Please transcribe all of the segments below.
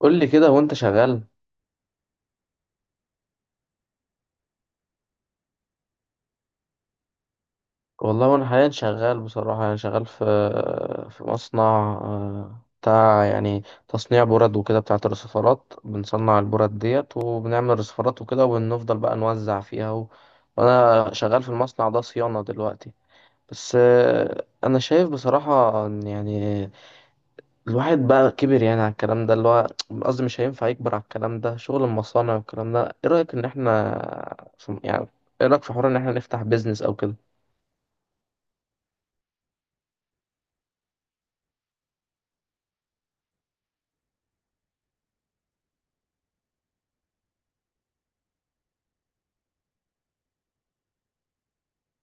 قول لي كده وانت شغال. والله وانا حاليا شغال بصراحة، يعني شغال في مصنع. بتاع يعني تصنيع برد وكده بتاعة الرصفارات، بنصنع البرد ديت وبنعمل رصفارات وكده، وبنفضل بقى نوزع فيها وانا شغال في المصنع ده صيانة دلوقتي. بس انا شايف بصراحة ان يعني الواحد بقى كبر، يعني على الكلام ده اللي هو قصدي مش هينفع يكبر على الكلام ده شغل المصانع والكلام ده. ايه رأيك ان احنا يعني ايه رأيك في حوار ان احنا نفتح بيزنس او كده؟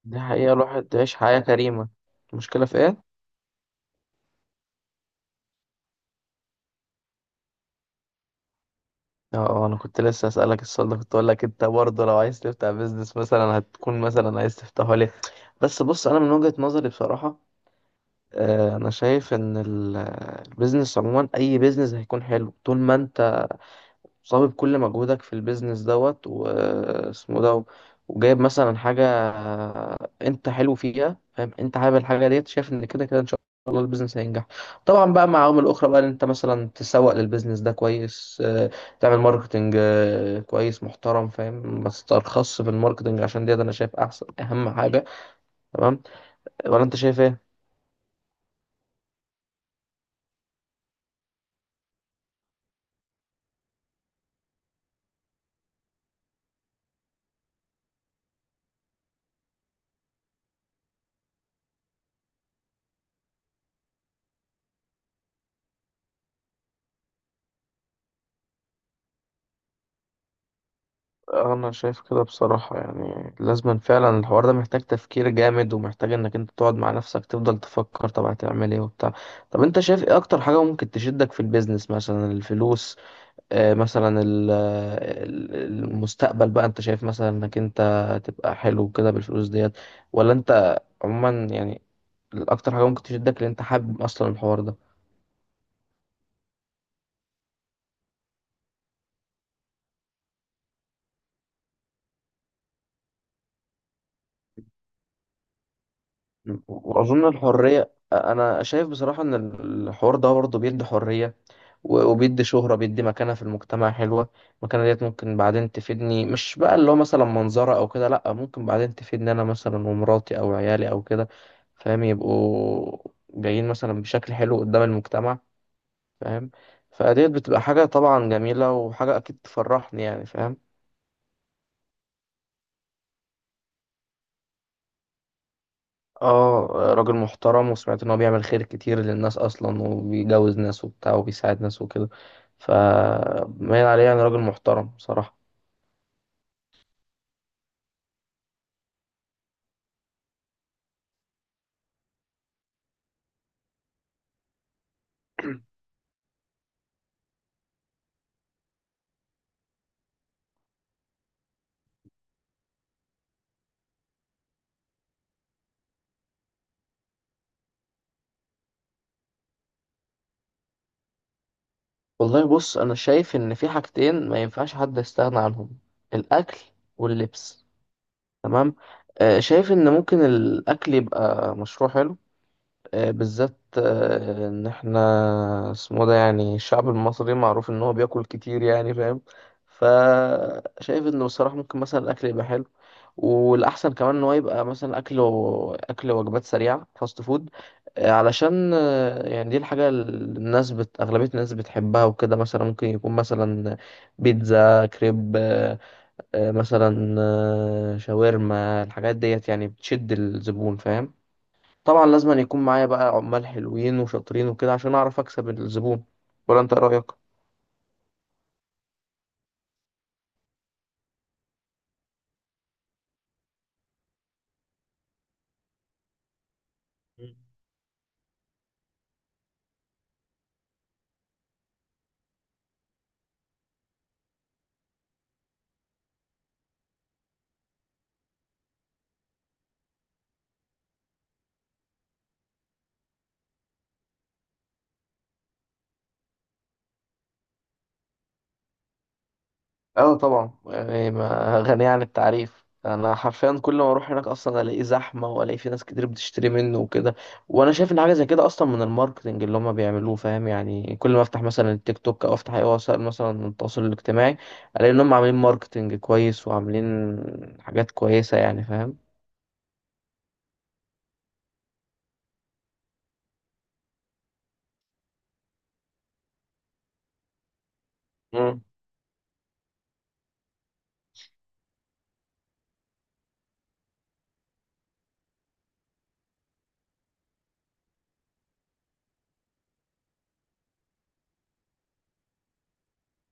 دي حقيقة، الواحد عيش حياة كريمة. المشكلة في ايه؟ اه، انا كنت لسه اسألك السؤال ده، كنت اقول لك انت برضه لو عايز تفتح بيزنس مثلا هتكون مثلا عايز تفتحه ليه. بس بص، انا من وجهة نظري بصراحة، انا شايف ان البيزنس عموما، اي بيزنس هيكون حلو طول ما انت صابب بكل مجهودك في البيزنس دوت واسمه ده، وجايب مثلا حاجة انت حلو فيها، فاهم؟ انت حابب الحاجة ديت، شايف ان كده كده ان شاء الله البيزنس هينجح. طبعا بقى مع عوامل اخرى بقى، ان انت مثلا تسوق للبيزنس ده كويس، تعمل ماركتنج كويس محترم، فاهم؟ ما تسترخصش في الماركتنج عشان ديت، انا شايف احسن اهم حاجة. تمام، ولا انت شايف ايه؟ انا شايف كده بصراحة، يعني لازم فعلا الحوار ده محتاج تفكير جامد، ومحتاج انك انت تقعد مع نفسك تفضل تفكر طب هتعمل ايه وبتاع. طب انت شايف ايه اكتر حاجة ممكن تشدك في البيزنس؟ مثلا الفلوس، آه، مثلا المستقبل بقى، انت شايف مثلا انك انت تبقى حلو كده بالفلوس ديت، ولا انت عموما يعني اكتر حاجة ممكن تشدك اللي انت حابب اصلا الحوار ده؟ واظن الحريه، انا شايف بصراحه ان الحوار ده برضه بيدي حريه، وبيدي شهره، بيدي مكانه في المجتمع حلوه. المكانه ديت ممكن بعدين تفيدني، مش بقى اللي هو مثلا منظره او كده، لا، ممكن بعدين تفيدني انا مثلا ومراتي او عيالي او كده، فاهم؟ يبقوا جايين مثلا بشكل حلو قدام المجتمع، فاهم؟ فديت بتبقى حاجه طبعا جميله، وحاجه اكيد تفرحني، يعني فاهم. اه، راجل محترم، وسمعت ان هو بيعمل خير كتير للناس اصلا، وبيجوز ناس وبتاع وبيساعد ناس وكده، فمايل عليه يعني، راجل محترم بصراحة. والله بص، انا شايف ان في حاجتين ما ينفعش حد يستغنى عنهم: الاكل واللبس. تمام، شايف ان ممكن الاكل يبقى مشروع حلو، بالذات ان احنا اسمه ده، يعني الشعب المصري معروف ان هو بياكل كتير، يعني فاهم. فشايف انه بصراحة ممكن مثلا الاكل يبقى حلو، والاحسن كمان ان هو يبقى مثلا اكله اكل وجبات سريعه، فاست فود، علشان يعني دي الحاجه اللي الناس اغلبيه الناس بتحبها وكده. مثلا ممكن يكون مثلا بيتزا، كريب، مثلا شاورما، الحاجات ديت يعني بتشد الزبون، فاهم. طبعا لازم أن يكون معايا بقى عمال حلوين وشاطرين وكده عشان اعرف اكسب الزبون. ولا انت إيه رايك؟ اه طبعا، يعني ما غنية عن التعريف، انا حرفيا كل ما اروح هناك اصلا الاقيه زحمه، والاقي في ناس كتير بتشتري منه وكده. وانا شايف ان حاجه زي كده اصلا من الماركتنج اللي هم بيعملوه، فاهم؟ يعني كل ما افتح مثلا التيك توك او افتح اي وسائل مثلا التواصل الاجتماعي، الاقي ان هم عاملين ماركتنج كويس، وعاملين حاجات كويسه، يعني فاهم.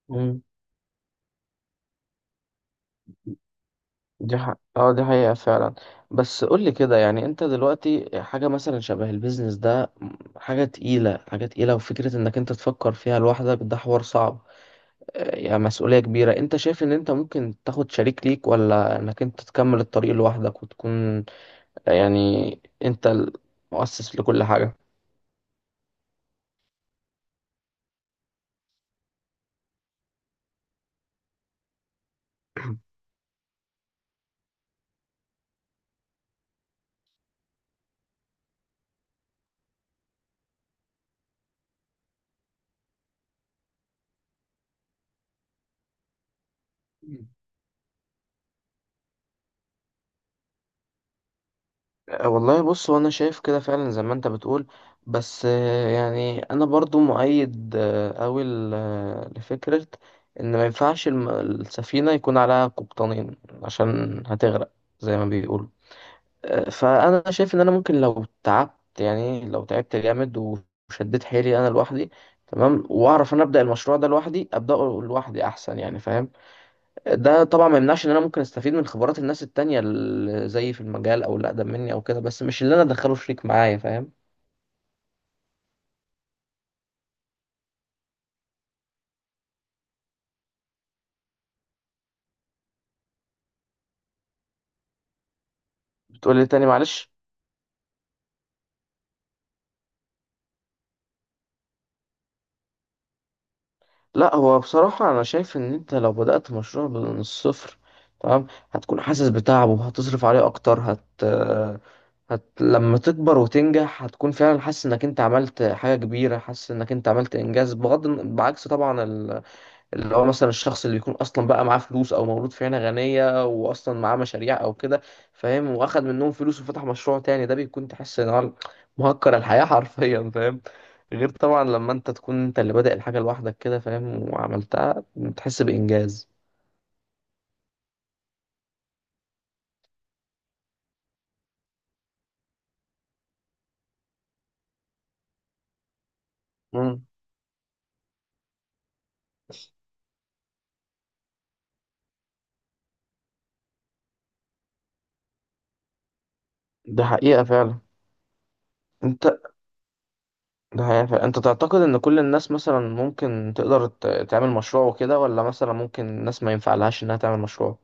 مم. اه، دي حقيقة فعلا. بس قولي كده، يعني انت دلوقتي حاجة مثلا شبه البيزنس ده حاجة تقيلة، حاجة تقيلة، وفكرة انك انت تفكر فيها لوحدك ده حوار صعب، يعني مسؤولية كبيرة. انت شايف ان انت ممكن تاخد شريك ليك، ولا انك انت تكمل الطريق لوحدك وتكون يعني انت المؤسس لكل حاجة؟ أه والله بص، هو انا شايف كده فعلا زي ما انت بتقول، بس يعني انا برضو مؤيد قوي لفكرة ان ما ينفعش السفينة يكون عليها قبطانين، عشان هتغرق زي ما بيقولوا. فانا شايف ان انا ممكن لو تعبت، يعني لو تعبت جامد وشديت حيلي انا لوحدي، تمام، واعرف انا ابدا المشروع ده لوحدي، ابداه لوحدي احسن، يعني فاهم. ده طبعا ما يمنعش ان انا ممكن استفيد من خبرات الناس التانية اللي زي في المجال او اللي اقدم مني او كده، بس مش اللي انا ادخله شريك معايا، فاهم. بتقول لي تاني معلش؟ لا، هو بصراحة انا شايف ان انت لو بدأت مشروع من الصفر، تمام، هتكون حاسس بتعبه، وهتصرف عليه اكتر، هت... هت لما تكبر وتنجح هتكون فعلا حاسس انك انت عملت حاجة كبيرة، حاسس انك انت عملت انجاز، بعكس طبعا اللي هو مثلا الشخص اللي بيكون اصلا بقى معاه فلوس، او مولود في عيله غنيه واصلا معاه مشاريع او كده، فاهم، واخد منهم فلوس وفتح مشروع تاني. ده بيكون تحس ان هو مهكر الحياه حرفيا، فاهم. غير طبعا لما انت تكون انت اللي بادئ الحاجه لوحدك كده، فاهم، وعملتها بتحس بانجاز. مم. ده حقيقة فعلا. انت، ده حقيقة فعلا. انت تعتقد ان كل الناس مثلا ممكن تقدر تعمل مشروع وكده، ولا مثلا ممكن الناس ما ينفعلهاش انها تعمل مشروع؟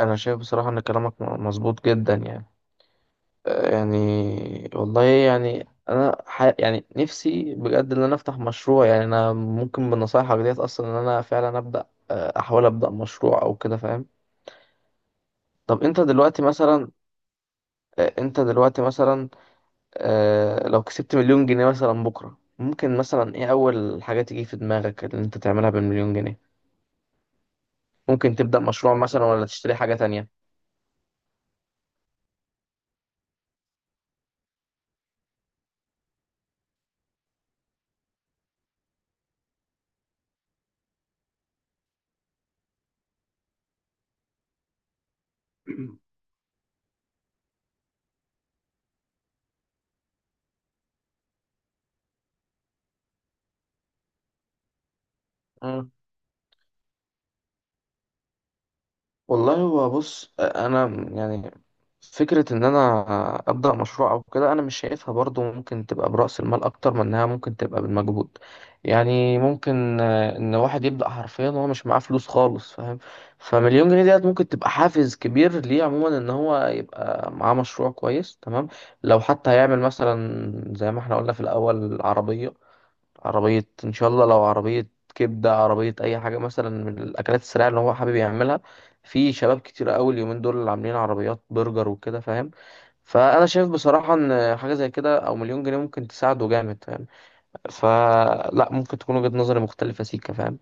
انا شايف بصراحه ان كلامك مظبوط جدا، يعني يعني والله يعني انا يعني نفسي بجد ان انا افتح مشروع، يعني انا ممكن بنصايحك ديت اصلا ان انا فعلا ابدا، احاول ابدا مشروع او كده، فاهم. طب انت دلوقتي مثلا انت دلوقتي مثلا لو كسبت مليون جنيه مثلا بكره، ممكن مثلا ايه اول حاجه تيجي في دماغك اللي انت تعملها بالمليون جنيه؟ ممكن تبدا مشروع مثلا ولا تشتري حاجه تانية؟ والله هو بص، انا يعني فكره ان انا ابدا مشروع او كده، انا مش شايفها برضو ممكن تبقى براس المال اكتر من انها ممكن تبقى بالمجهود. يعني ممكن ان واحد يبدا حرفيا وهو مش معاه فلوس خالص، فاهم؟ فمليون جنيه ديت ممكن تبقى حافز كبير ليه عموما، ان هو يبقى معاه مشروع كويس، تمام. لو حتى هيعمل مثلا زي ما احنا قلنا في الاول عربيه، عربية إن شاء الله، لو عربية كبدة، عربية أي حاجة مثلا من الأكلات السريعة اللي هو حابب يعملها. في شباب كتير أوي اليومين دول اللي عاملين عربيات برجر وكده، فاهم. فأنا شايف بصراحة إن حاجة زي كده أو مليون جنيه ممكن تساعده جامد، فاهم. فلا، ممكن تكون وجهة نظري مختلفة سيكا، فاهم.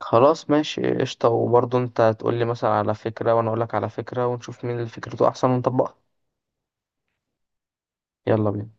خلاص ماشي قشطة، وبرضه أنت تقولي مثلا على فكرة وأنا أقولك على فكرة ونشوف مين اللي فكرته أحسن ونطبقها. يلا بينا.